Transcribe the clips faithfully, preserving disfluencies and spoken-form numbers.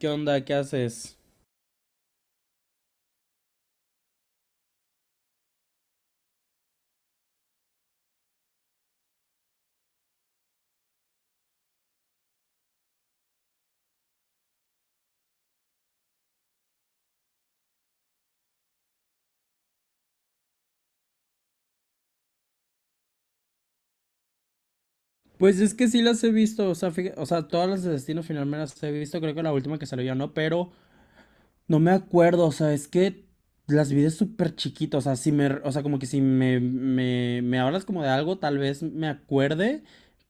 ¿Qué onda? ¿Qué haces? Pues es que sí las he visto, o sea, fija- o sea, todas las de Destino Final me las he visto, creo que la última que salió ya no, pero no me acuerdo, o sea, es que las vi de súper chiquito, o sea, si me, o sea, como que si me, me, me hablas como de algo, tal vez me acuerde,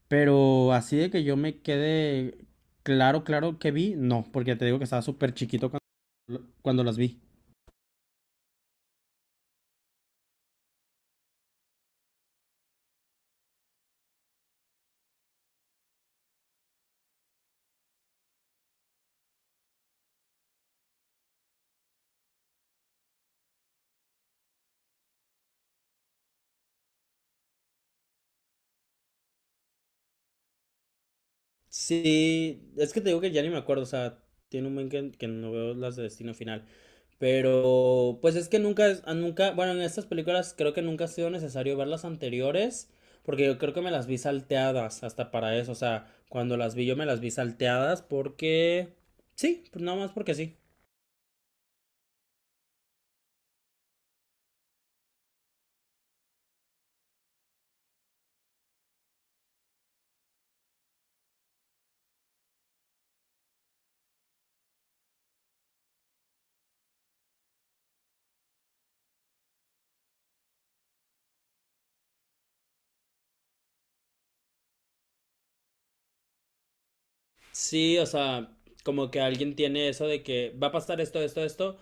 pero así de que yo me quede claro, claro que vi, no, porque te digo que estaba súper chiquito cuando, cuando las vi. Sí, es que te digo que ya ni me acuerdo, o sea, tiene un buen que, que no veo las de Destino Final. Pero, pues es que nunca, es- ah, nunca, bueno, en estas películas creo que nunca ha sido necesario ver las anteriores, porque yo creo que me las vi salteadas hasta para eso, o sea, cuando las vi yo me las vi salteadas porque, sí, pues nada más porque sí. Sí, o sea, como que alguien tiene eso de que va a pasar esto, esto, esto,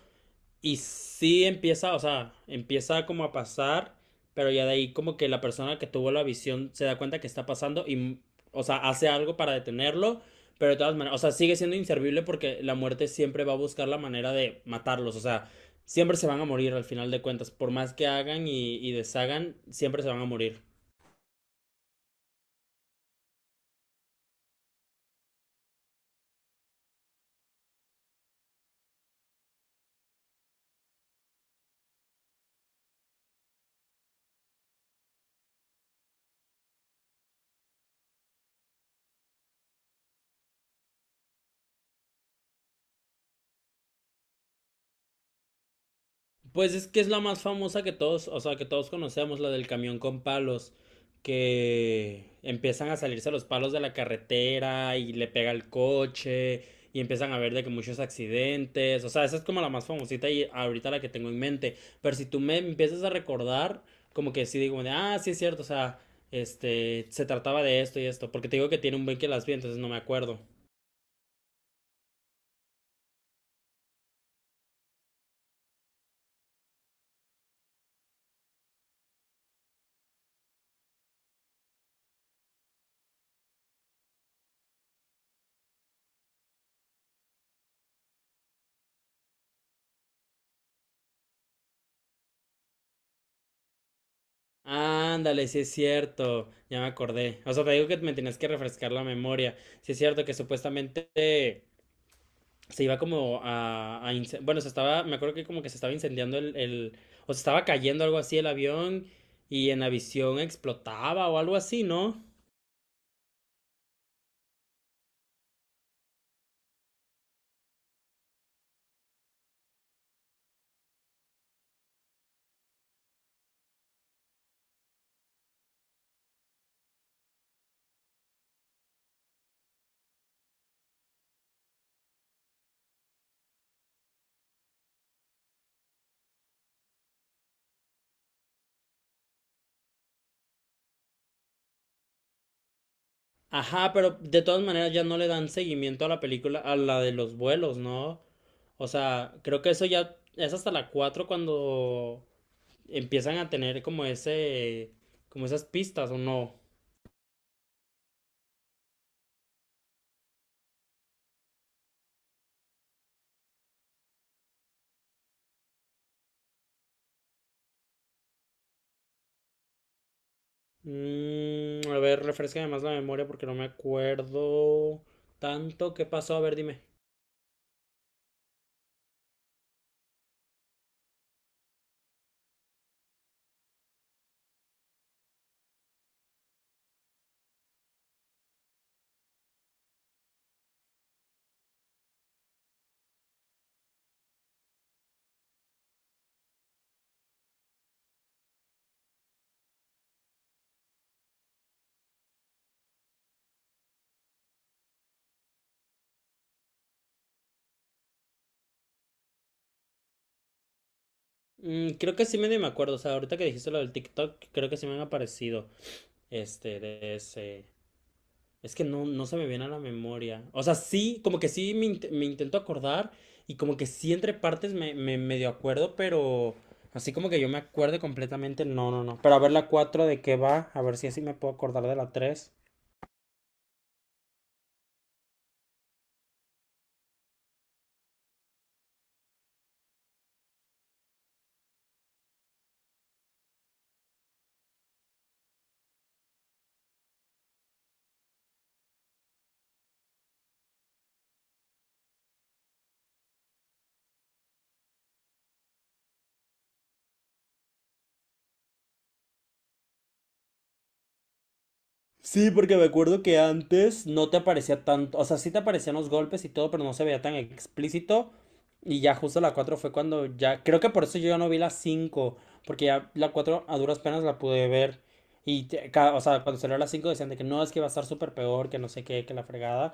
y sí empieza, o sea, empieza como a pasar, pero ya de ahí como que la persona que tuvo la visión se da cuenta que está pasando y, o sea, hace algo para detenerlo, pero de todas maneras, o sea, sigue siendo inservible porque la muerte siempre va a buscar la manera de matarlos, o sea, siempre se van a morir al final de cuentas, por más que hagan y, y deshagan, siempre se van a morir. Pues es que es la más famosa que todos, o sea, que todos conocemos, la del camión con palos, que empiezan a salirse los palos de la carretera y le pega el coche y empiezan a ver de que muchos accidentes, o sea, esa es como la más famosita y ahorita la que tengo en mente, pero si tú me empiezas a recordar, como que sí digo, de, ah, sí es cierto, o sea, este, se trataba de esto y esto, porque te digo que tiene un buen que las vi, entonces no me acuerdo. Ándale, sí es cierto, ya me acordé. O sea, te digo que me tenías que refrescar la memoria. Sí es cierto que supuestamente se iba como a, a ince- bueno, se estaba, me acuerdo que como que se estaba incendiando el, el, o se estaba cayendo algo así el avión y en la visión explotaba o algo así, ¿no? Ajá, pero de todas maneras ya no le dan seguimiento a la película, a la de los vuelos, ¿no? O sea, creo que eso ya es hasta la cuatro cuando empiezan a tener como ese, como esas pistas, ¿o no? Mm, a ver, refresca más la memoria porque no me acuerdo tanto qué pasó. A ver, dime. Mm, creo que sí medio me acuerdo. O sea, ahorita que dijiste lo del TikTok, creo que sí me han aparecido. Este, de ese. Es que no, no se me viene a la memoria. O sea, sí, como que sí me, int- me intento acordar. Y como que sí entre partes me, me medio acuerdo, pero así como que yo me acuerde completamente, no, no, no. Pero a ver la cuatro de qué va, a ver si así me puedo acordar de la tres. Sí, porque me acuerdo que antes no te aparecía tanto, o sea, sí te aparecían los golpes y todo, pero no se veía tan explícito. Y ya justo la cuatro fue cuando ya, creo que por eso yo ya no vi la cinco porque ya la cuatro a duras penas la pude ver. Y, te- ca- o sea, cuando salió la cinco decían de que no, es que va a estar súper peor, que no sé qué, que la fregada.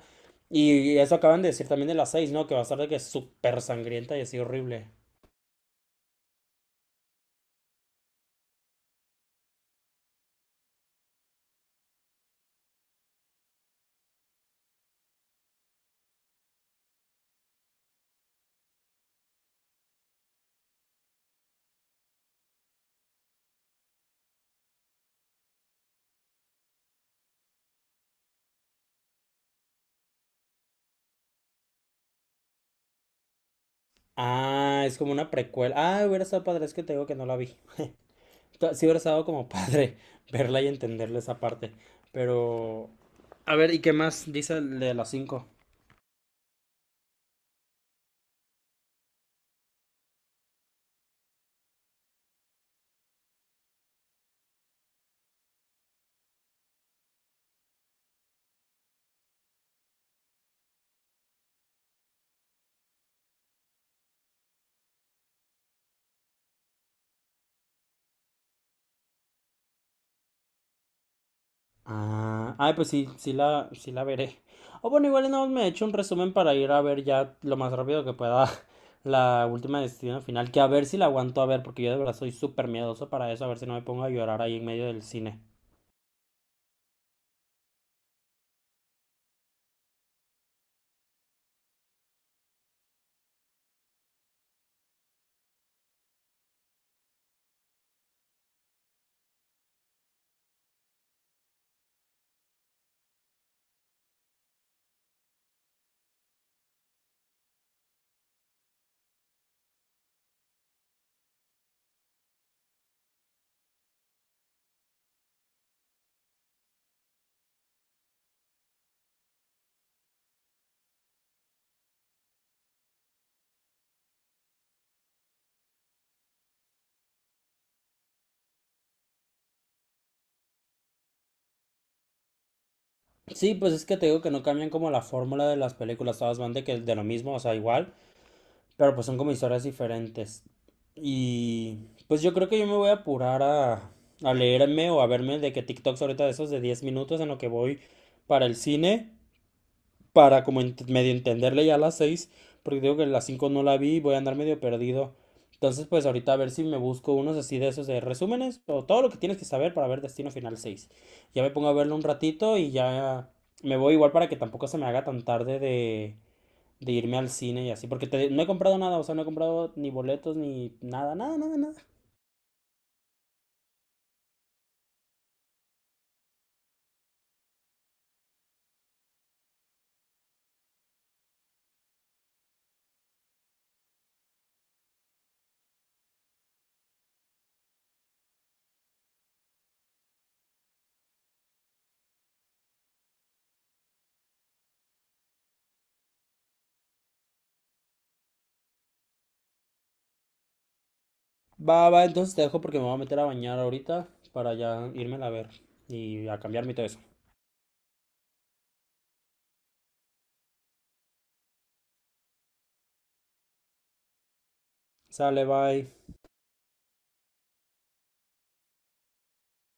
Y eso acaban de decir también de la seis, ¿no? Que va a estar de que súper sangrienta y así horrible. Ah, es como una precuela. Ah, hubiera estado padre, es que te digo que no la vi. Ta- Sí hubiera estado como padre verla y entenderle esa parte. Pero... A ver, ¿y qué más dice el de las cinco? Ah, ay, pues sí, sí la, sí la veré. O bueno, igual y me he hecho un resumen para ir a ver ya lo más rápido que pueda la última Destino Final, que a ver si la aguanto a ver, porque yo de verdad soy súper miedoso para eso, a ver si no me pongo a llorar ahí en medio del cine. Sí, pues es que te digo que no cambian como la fórmula de las películas, todas van de que de lo mismo, o sea, igual, pero pues son como historias diferentes. Y pues yo creo que yo me voy a apurar a, a leerme o a verme de que TikToks ahorita de esos de diez minutos en lo que voy para el cine, para como ent- medio entenderle ya a las seis porque digo que las cinco no la vi y voy a andar medio perdido. Entonces pues ahorita a ver si me busco unos así de esos de resúmenes o todo lo que tienes que saber para ver Destino Final seis. Ya me pongo a verlo un ratito y ya me voy igual para que tampoco se me haga tan tarde de de irme al cine y así, porque te- no he comprado nada, o sea, no he comprado ni boletos ni nada, nada, nada, nada. Va, va, entonces te dejo porque me voy a meter a bañar ahorita para ya irme a ver y a cambiarme y todo eso. Sale, bye.